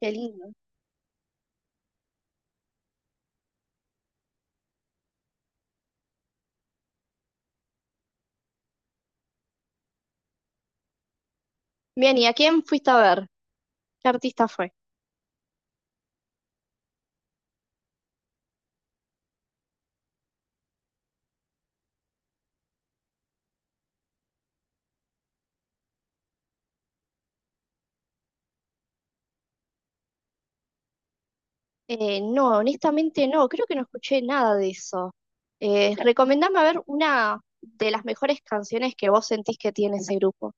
Qué lindo. Bien, ¿y a quién fuiste a ver? ¿Qué artista fue? No, honestamente no, creo que no escuché nada de eso. Recomendame a ver una de las mejores canciones que vos sentís que tiene ese grupo.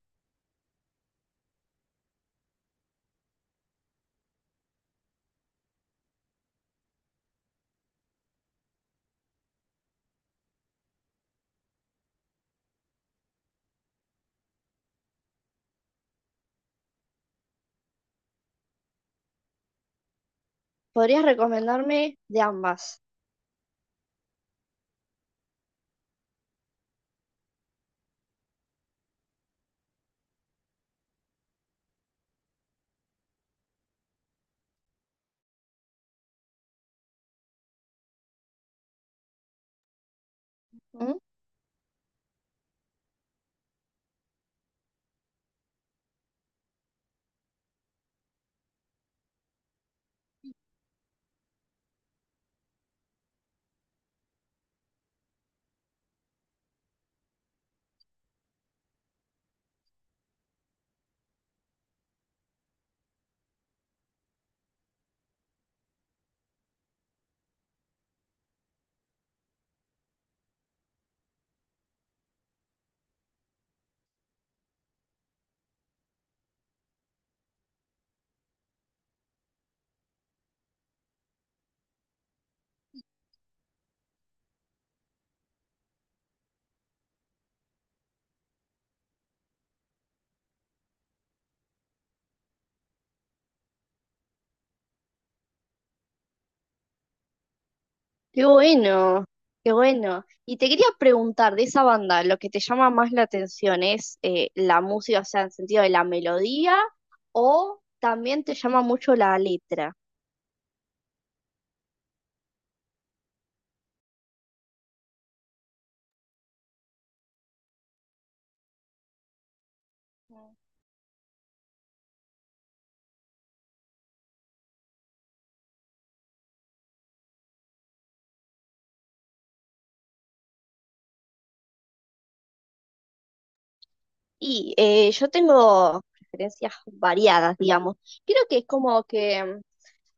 Podrías recomendarme de ambas. ¿Mm? Qué bueno, qué bueno. Y te quería preguntar de esa banda, lo que te llama más la atención es la música, o sea, en sentido de la melodía, o también te llama mucho la letra. Y yo tengo preferencias variadas, digamos. Creo que es como que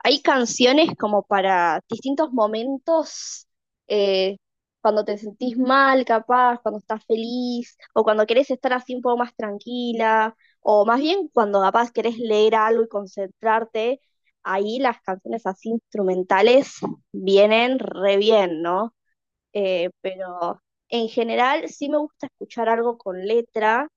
hay canciones como para distintos momentos, eh, cuando te sentís mal, capaz, cuando estás feliz, o cuando querés estar así un poco más tranquila, o más bien cuando capaz querés leer algo y concentrarte, ahí las canciones así instrumentales vienen re bien, ¿no? Pero en general sí me gusta escuchar algo con letra.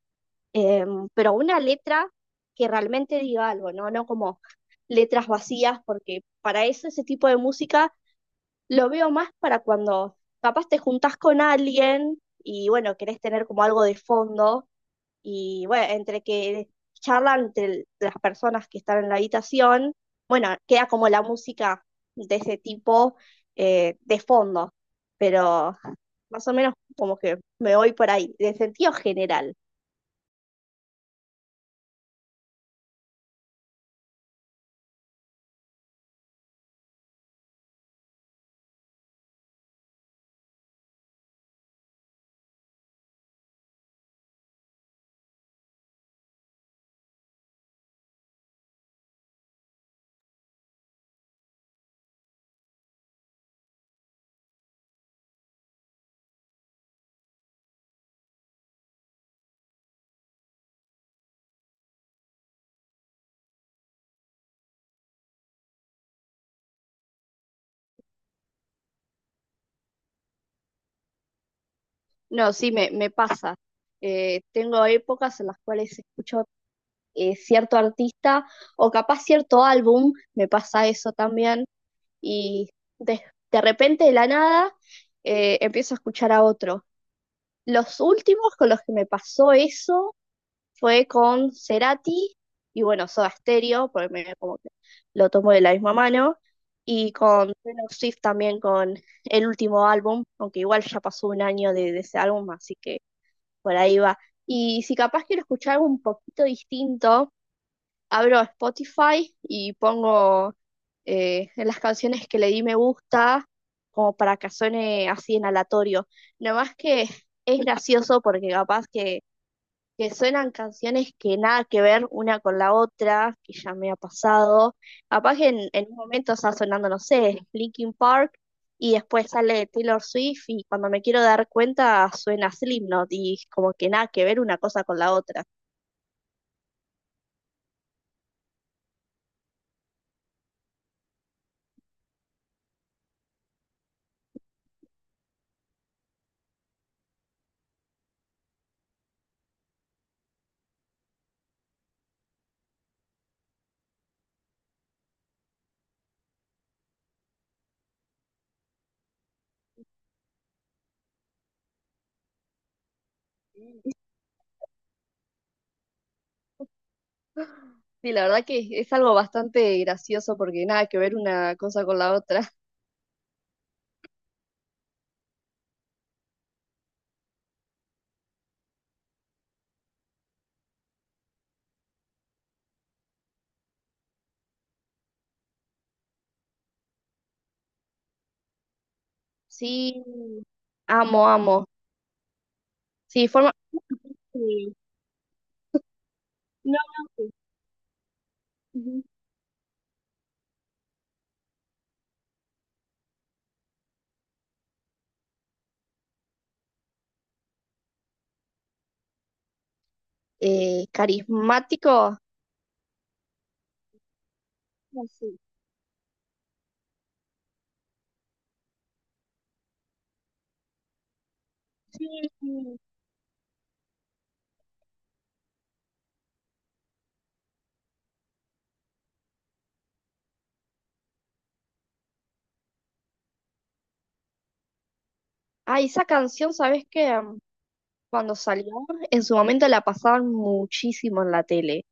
Pero una letra que realmente diga algo, ¿no? No como letras vacías, porque para eso ese tipo de música lo veo más para cuando capaz te juntás con alguien y bueno, querés tener como algo de fondo y bueno, entre que charlan entre las personas que están en la habitación, bueno, queda como la música de ese tipo de fondo. Pero más o menos como que me voy por ahí, de sentido general. No, sí, me pasa. Tengo épocas en las cuales escucho cierto artista o capaz cierto álbum, me pasa eso también, y de, de repente de la nada empiezo a escuchar a otro. Los últimos con los que me pasó eso fue con Cerati y bueno, Soda Stereo, porque como que lo tomo de la misma mano, y con Taylor Swift también con el último álbum, aunque igual ya pasó un año de ese álbum, así que por ahí va. Y si capaz quiero escuchar algo un poquito distinto, abro Spotify y pongo las canciones que le di me gusta, como para que suene así en aleatorio. Nada más que es gracioso porque capaz que suenan canciones que nada que ver una con la otra, que ya me ha pasado. Capaz que en un momento está sonando, no sé, Linkin Park y después sale Taylor Swift y cuando me quiero dar cuenta suena Slipknot y como que nada que ver una cosa con la otra. Sí, la verdad que es algo bastante gracioso porque nada que ver una cosa con la otra. Sí, amo, amo. Sí, sí. No, no, sí. Ujú. Carismático. No, sí. Sí, sí. Ah, esa canción, ¿sabes qué? Cuando salió, en su momento la pasaban muchísimo en la tele.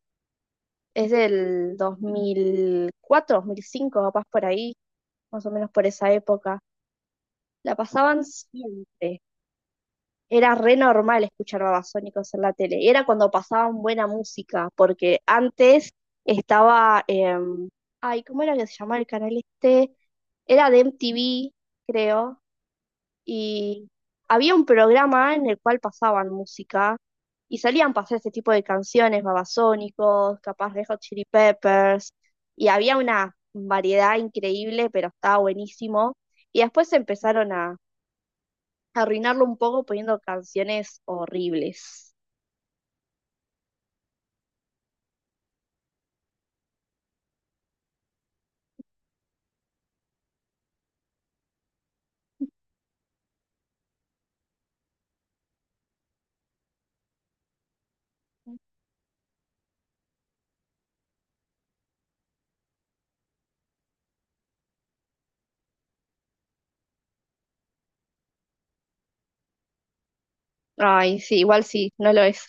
Es del dos mil cuatro, 2005, capaz por ahí, más o menos por esa época. La pasaban siempre. Era re normal escuchar Babasónicos en la tele. Era cuando pasaban buena música, porque antes estaba, ay, ¿cómo era que se llamaba el canal este? Era de MTV, creo, y había un programa en el cual pasaban música y salían pasar ese tipo de canciones, Babasónicos, capaz de Hot Chili Peppers, y había una variedad increíble, pero estaba buenísimo. Y después empezaron a arruinarlo un poco poniendo canciones horribles. Ay, sí, igual sí, no lo es.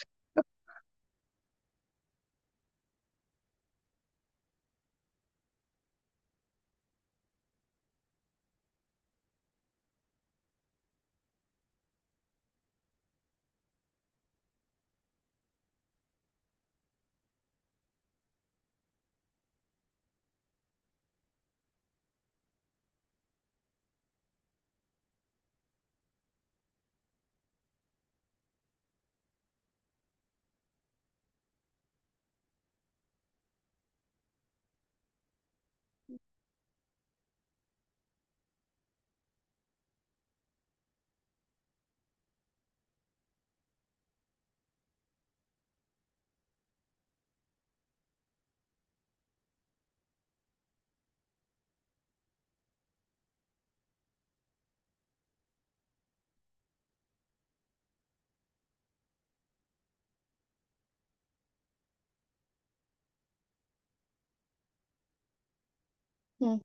Mm.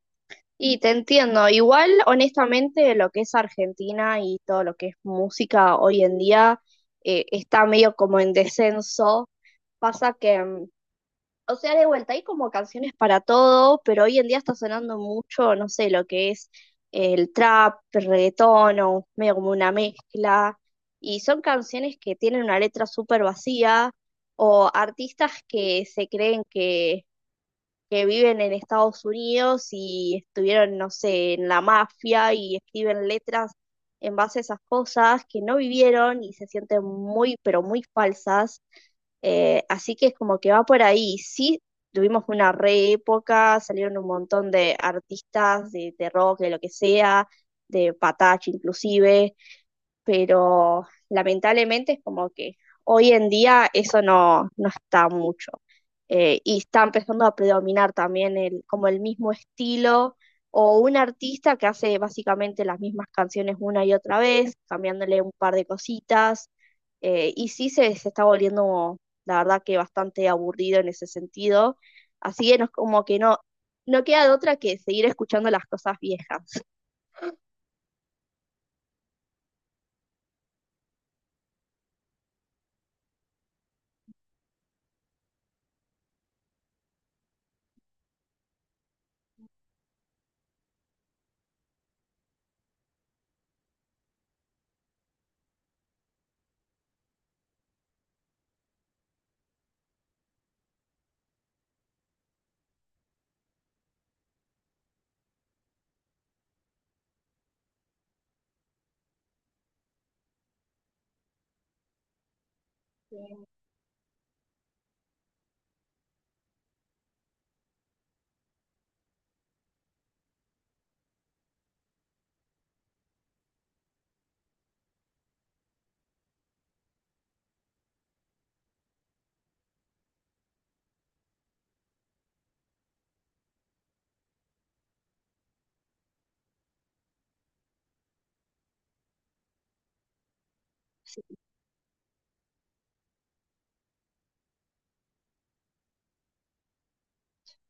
Y te entiendo, igual honestamente lo que es Argentina y todo lo que es música hoy en día está medio como en descenso. Pasa que o sea, de vuelta, hay como canciones para todo, pero hoy en día está sonando mucho, no sé, lo que es el trap, el reggaetón, o medio como una mezcla. Y son canciones que tienen una letra súper vacía, o artistas que se creen que, viven en Estados Unidos y estuvieron, no sé, en la mafia y escriben letras en base a esas cosas que no vivieron y se sienten muy, pero muy falsas. Así que es como que va por ahí. Sí, tuvimos una re época, salieron un montón de artistas de, rock, de lo que sea, de Patache inclusive, pero lamentablemente es como que hoy en día eso no está mucho. Y está empezando a predominar también el, como el mismo estilo o un artista que hace básicamente las mismas canciones una y otra vez, cambiándole un par de cositas. Y sí se está volviendo, la verdad que bastante aburrido en ese sentido. Así que no es como que no queda de otra que seguir escuchando las cosas viejas.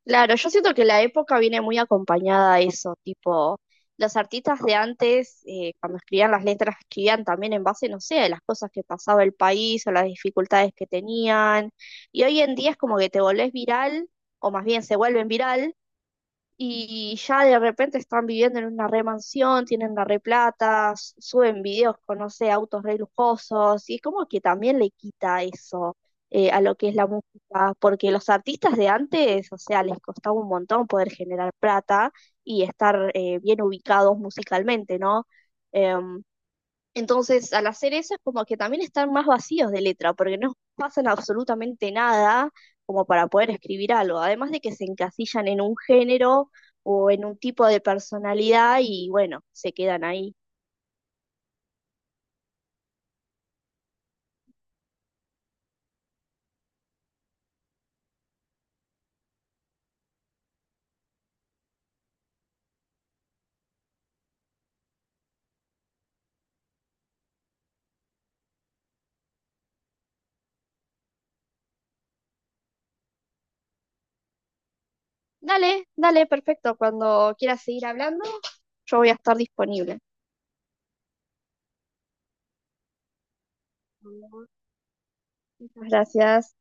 Claro, yo siento que la época viene muy acompañada a eso, tipo, los artistas de antes, cuando escribían las letras, escribían también en base, no sé, a las cosas que pasaba el país o las dificultades que tenían, y hoy en día es como que te volvés viral, o más bien se vuelven viral, y ya de repente están viviendo en una re mansión, tienen la re plata, suben videos con, no sé, autos re lujosos, y es como que también le quita eso a lo que es la música, porque los artistas de antes, o sea, les costaba un montón poder generar plata y estar bien ubicados musicalmente, ¿no? Em, entonces, al hacer eso es como que también están más vacíos de letra, porque no pasan absolutamente nada como para poder escribir algo. Además de que se encasillan en un género o en un tipo de personalidad y bueno, se quedan ahí. Dale, dale, perfecto. Cuando quieras seguir hablando, yo voy a estar disponible. Muchas gracias.